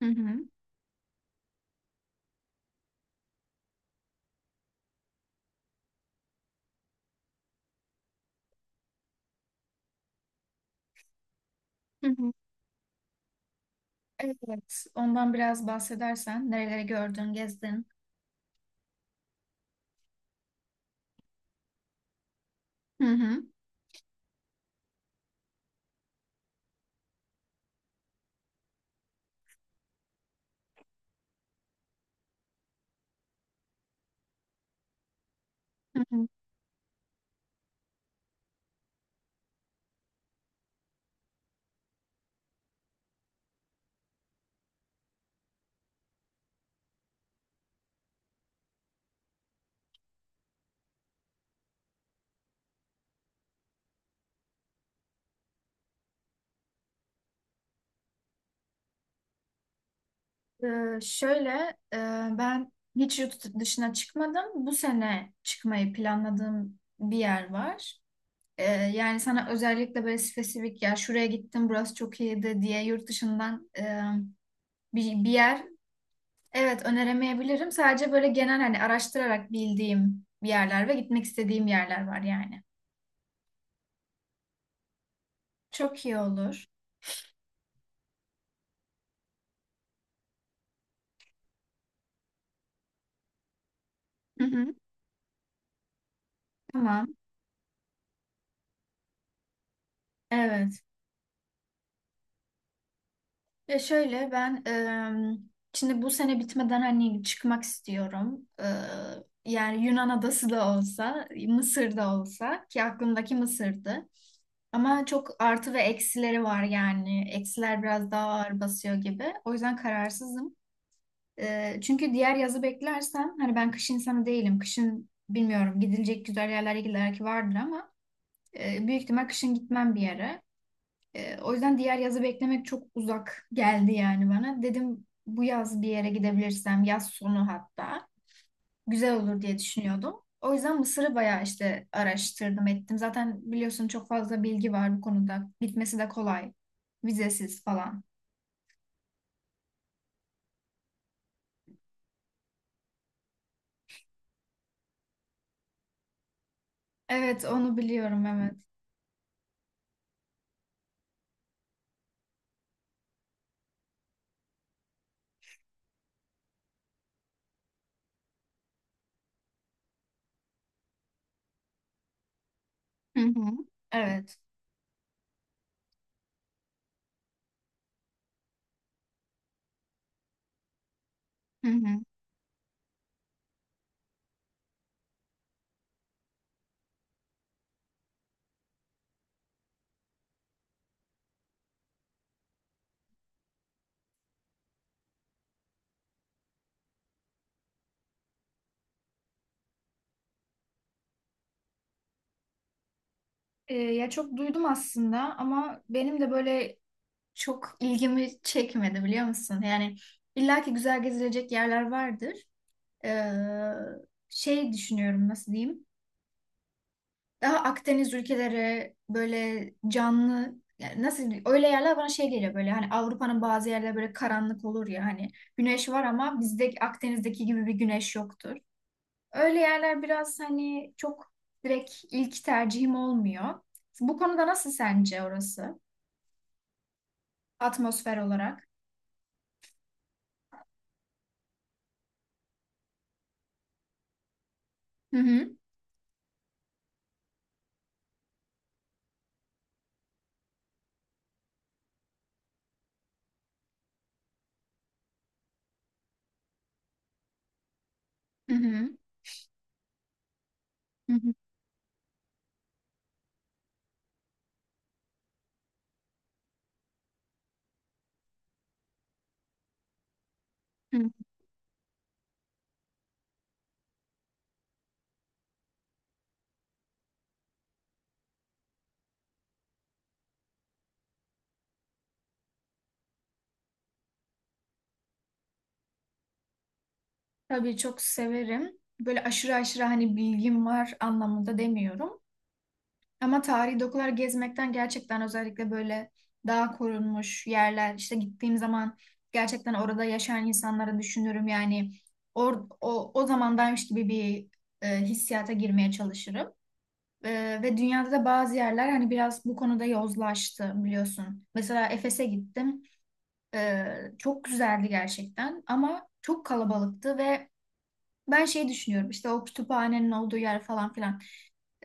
Hı hı. Hı hı. Evet, ondan biraz bahsedersen nereleri gördün, gezdin. Hı hı. Hı hı. Şöyle, e, ben hiç yurt dışına çıkmadım. Bu sene çıkmayı planladığım bir yer var. Yani sana özellikle böyle spesifik ya şuraya gittim, burası çok iyiydi diye yurt dışından bir yer evet öneremeyebilirim. Sadece böyle genel hani araştırarak bildiğim bir yerler ve gitmek istediğim yerler var yani. Çok iyi olur. Hı hı. Tamam. Evet. Ya şöyle ben şimdi bu sene bitmeden hani çıkmak istiyorum. Yani Yunan adası da olsa, Mısır da olsa ki aklımdaki Mısır'dı. Ama çok artı ve eksileri var yani. Eksiler biraz daha ağır basıyor gibi. O yüzden kararsızım. Çünkü diğer yazı beklersem hani ben kış insanı değilim. Kışın bilmiyorum gidilecek güzel yerler belki vardır ama büyük ihtimal kışın gitmem bir yere. O yüzden diğer yazı beklemek çok uzak geldi yani bana. Dedim bu yaz bir yere gidebilirsem, yaz sonu hatta güzel olur diye düşünüyordum. O yüzden Mısır'ı bayağı işte araştırdım ettim. Zaten biliyorsun çok fazla bilgi var bu konuda. Gitmesi de kolay. Vizesiz falan. Evet onu biliyorum evet. Hı hı. Evet. Hı hı. Ya çok duydum aslında ama benim de böyle çok ilgimi çekmedi biliyor musun? Yani illaki güzel gezilecek yerler vardır. Ee, şey düşünüyorum nasıl diyeyim. Daha Akdeniz ülkeleri böyle canlı yani nasıl diyeyim, öyle yerler bana şey geliyor böyle hani Avrupa'nın bazı yerleri böyle karanlık olur ya hani güneş var ama bizde Akdeniz'deki gibi bir güneş yoktur. Öyle yerler biraz hani çok direkt ilk tercihim olmuyor. Bu konuda nasıl sence orası? Atmosfer olarak. Hı hı. Hı hı. Hı hı. Hı. Tabii çok severim. Böyle aşırı aşırı hani bilgim var anlamında demiyorum. Ama tarihi dokular gezmekten gerçekten özellikle böyle daha korunmuş yerler işte gittiğim zaman gerçekten orada yaşayan insanları düşünürüm yani o zamandaymış gibi bir hissiyata girmeye çalışırım. Ve dünyada da bazı yerler hani biraz bu konuda yozlaştı biliyorsun. Mesela Efes'e gittim. E, çok güzeldi gerçekten ama çok kalabalıktı ve ben şey düşünüyorum işte o kütüphanenin olduğu yer falan filan.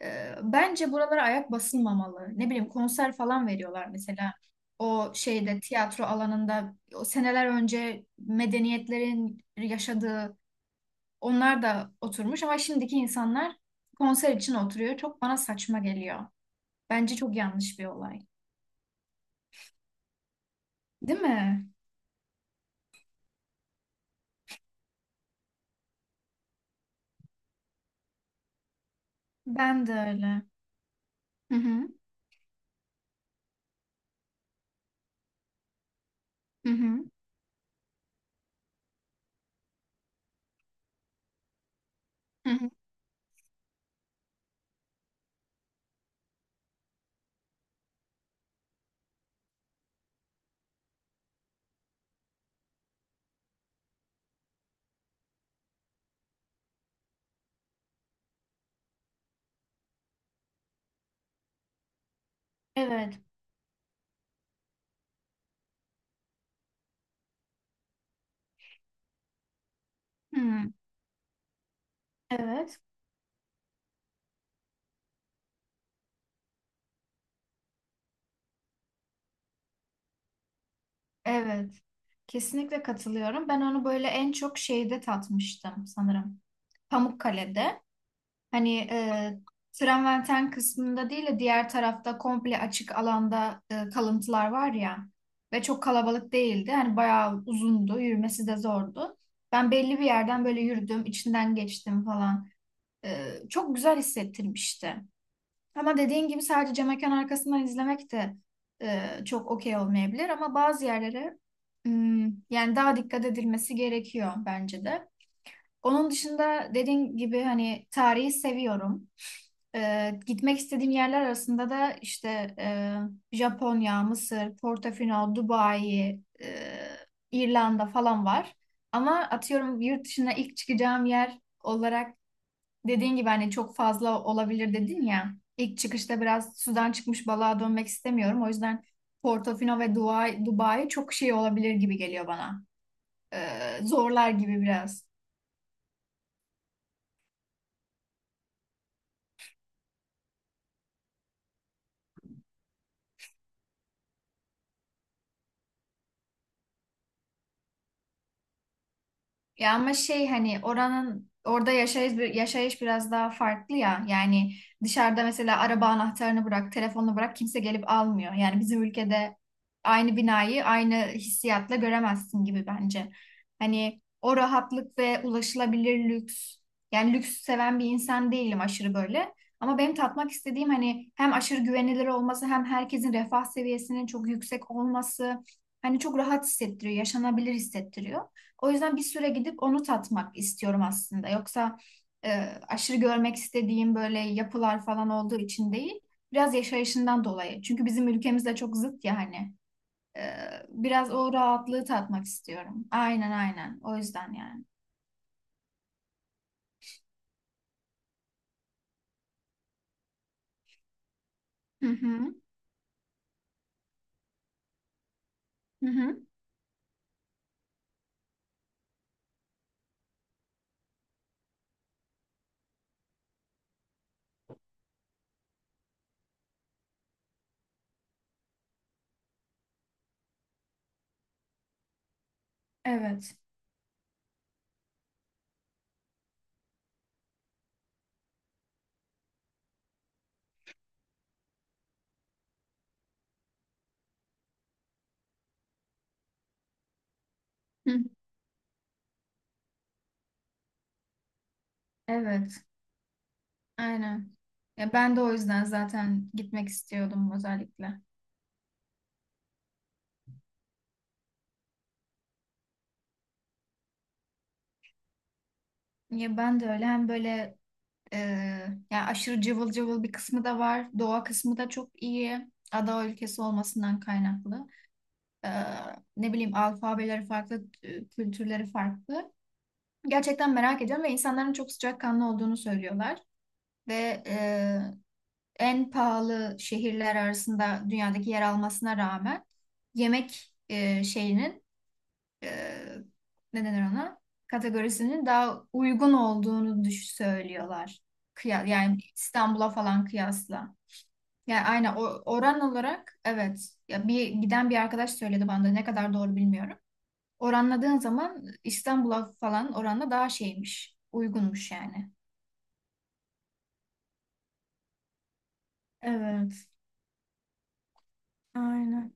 Bence buralara ayak basılmamalı. Ne bileyim konser falan veriyorlar mesela. O şeyde tiyatro alanında o seneler önce medeniyetlerin yaşadığı onlar da oturmuş ama şimdiki insanlar konser için oturuyor. Çok bana saçma geliyor. Bence çok yanlış bir olay. Değil mi? Ben de öyle. Hı hı. Hı hı. Hı hı. Evet. Hı. Evet. Evet. Kesinlikle katılıyorum. Ben onu böyle en çok şeyde tatmıştım sanırım. Pamukkale'de. Hani Traverten kısmında değil de diğer tarafta komple açık alanda kalıntılar var ya ve çok kalabalık değildi. Hani bayağı uzundu, yürümesi de zordu. Ben belli bir yerden böyle yürüdüm, içinden geçtim falan. Çok güzel hissettirmişti. Ama dediğin gibi sadece cam mekan arkasından izlemek de çok okey olmayabilir ama bazı yerlere hmm, yani daha dikkat edilmesi gerekiyor bence de. Onun dışında dediğin gibi hani tarihi seviyorum. Gitmek istediğim yerler arasında da işte Japonya, Mısır, Portofino, Dubai, İrlanda falan var. Ama atıyorum yurt dışına ilk çıkacağım yer olarak dediğin gibi hani çok fazla olabilir dedin ya. İlk çıkışta biraz sudan çıkmış balığa dönmek istemiyorum. O yüzden Portofino ve Dubai, Dubai çok şey olabilir gibi geliyor bana. Zorlar gibi biraz. Ya ama şey hani oranın orada yaşayış biraz daha farklı ya. Yani dışarıda mesela araba anahtarını bırak, telefonunu bırak kimse gelip almıyor. Yani bizim ülkede aynı binayı aynı hissiyatla göremezsin gibi bence. Hani o rahatlık ve ulaşılabilir lüks. Yani lüks seven bir insan değilim aşırı böyle. Ama benim tatmak istediğim hani hem aşırı güvenilir olması hem herkesin refah seviyesinin çok yüksek olması hani çok rahat hissettiriyor, yaşanabilir hissettiriyor. O yüzden bir süre gidip onu tatmak istiyorum aslında. Yoksa e, aşırı görmek istediğim böyle yapılar falan olduğu için değil, biraz yaşayışından dolayı. Çünkü bizim ülkemizle çok zıt ya hani. E, biraz o rahatlığı tatmak istiyorum. Aynen aynen. O yüzden yani. Hı hı. Hı hı. Evet. Hı. Evet. Aynen. Ya ben de o yüzden zaten gitmek istiyordum özellikle. Ya ben de öyle hem böyle Ee, yani aşırı cıvıl cıvıl bir kısmı da var. Doğa kısmı da çok iyi. Ada ülkesi olmasından kaynaklı. Ee, ne bileyim alfabeleri farklı, kültürleri farklı. Gerçekten merak ediyorum ve insanların çok sıcakkanlı olduğunu söylüyorlar. Ve en pahalı şehirler arasında dünyadaki yer almasına rağmen yemek şeyinin e, ne denir ona? Kategorisinin daha uygun olduğunu düş söylüyorlar. Kıya yani İstanbul'a falan kıyasla. Yani aynen oran olarak evet. Ya bir giden bir arkadaş söyledi bana da ne kadar doğru bilmiyorum. Oranladığın zaman İstanbul'a falan oranla daha şeymiş. Uygunmuş yani. Evet, aynen.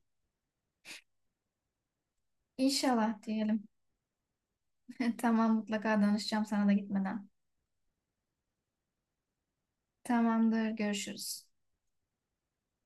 İnşallah diyelim. Tamam mutlaka danışacağım sana da gitmeden. Tamamdır, görüşürüz.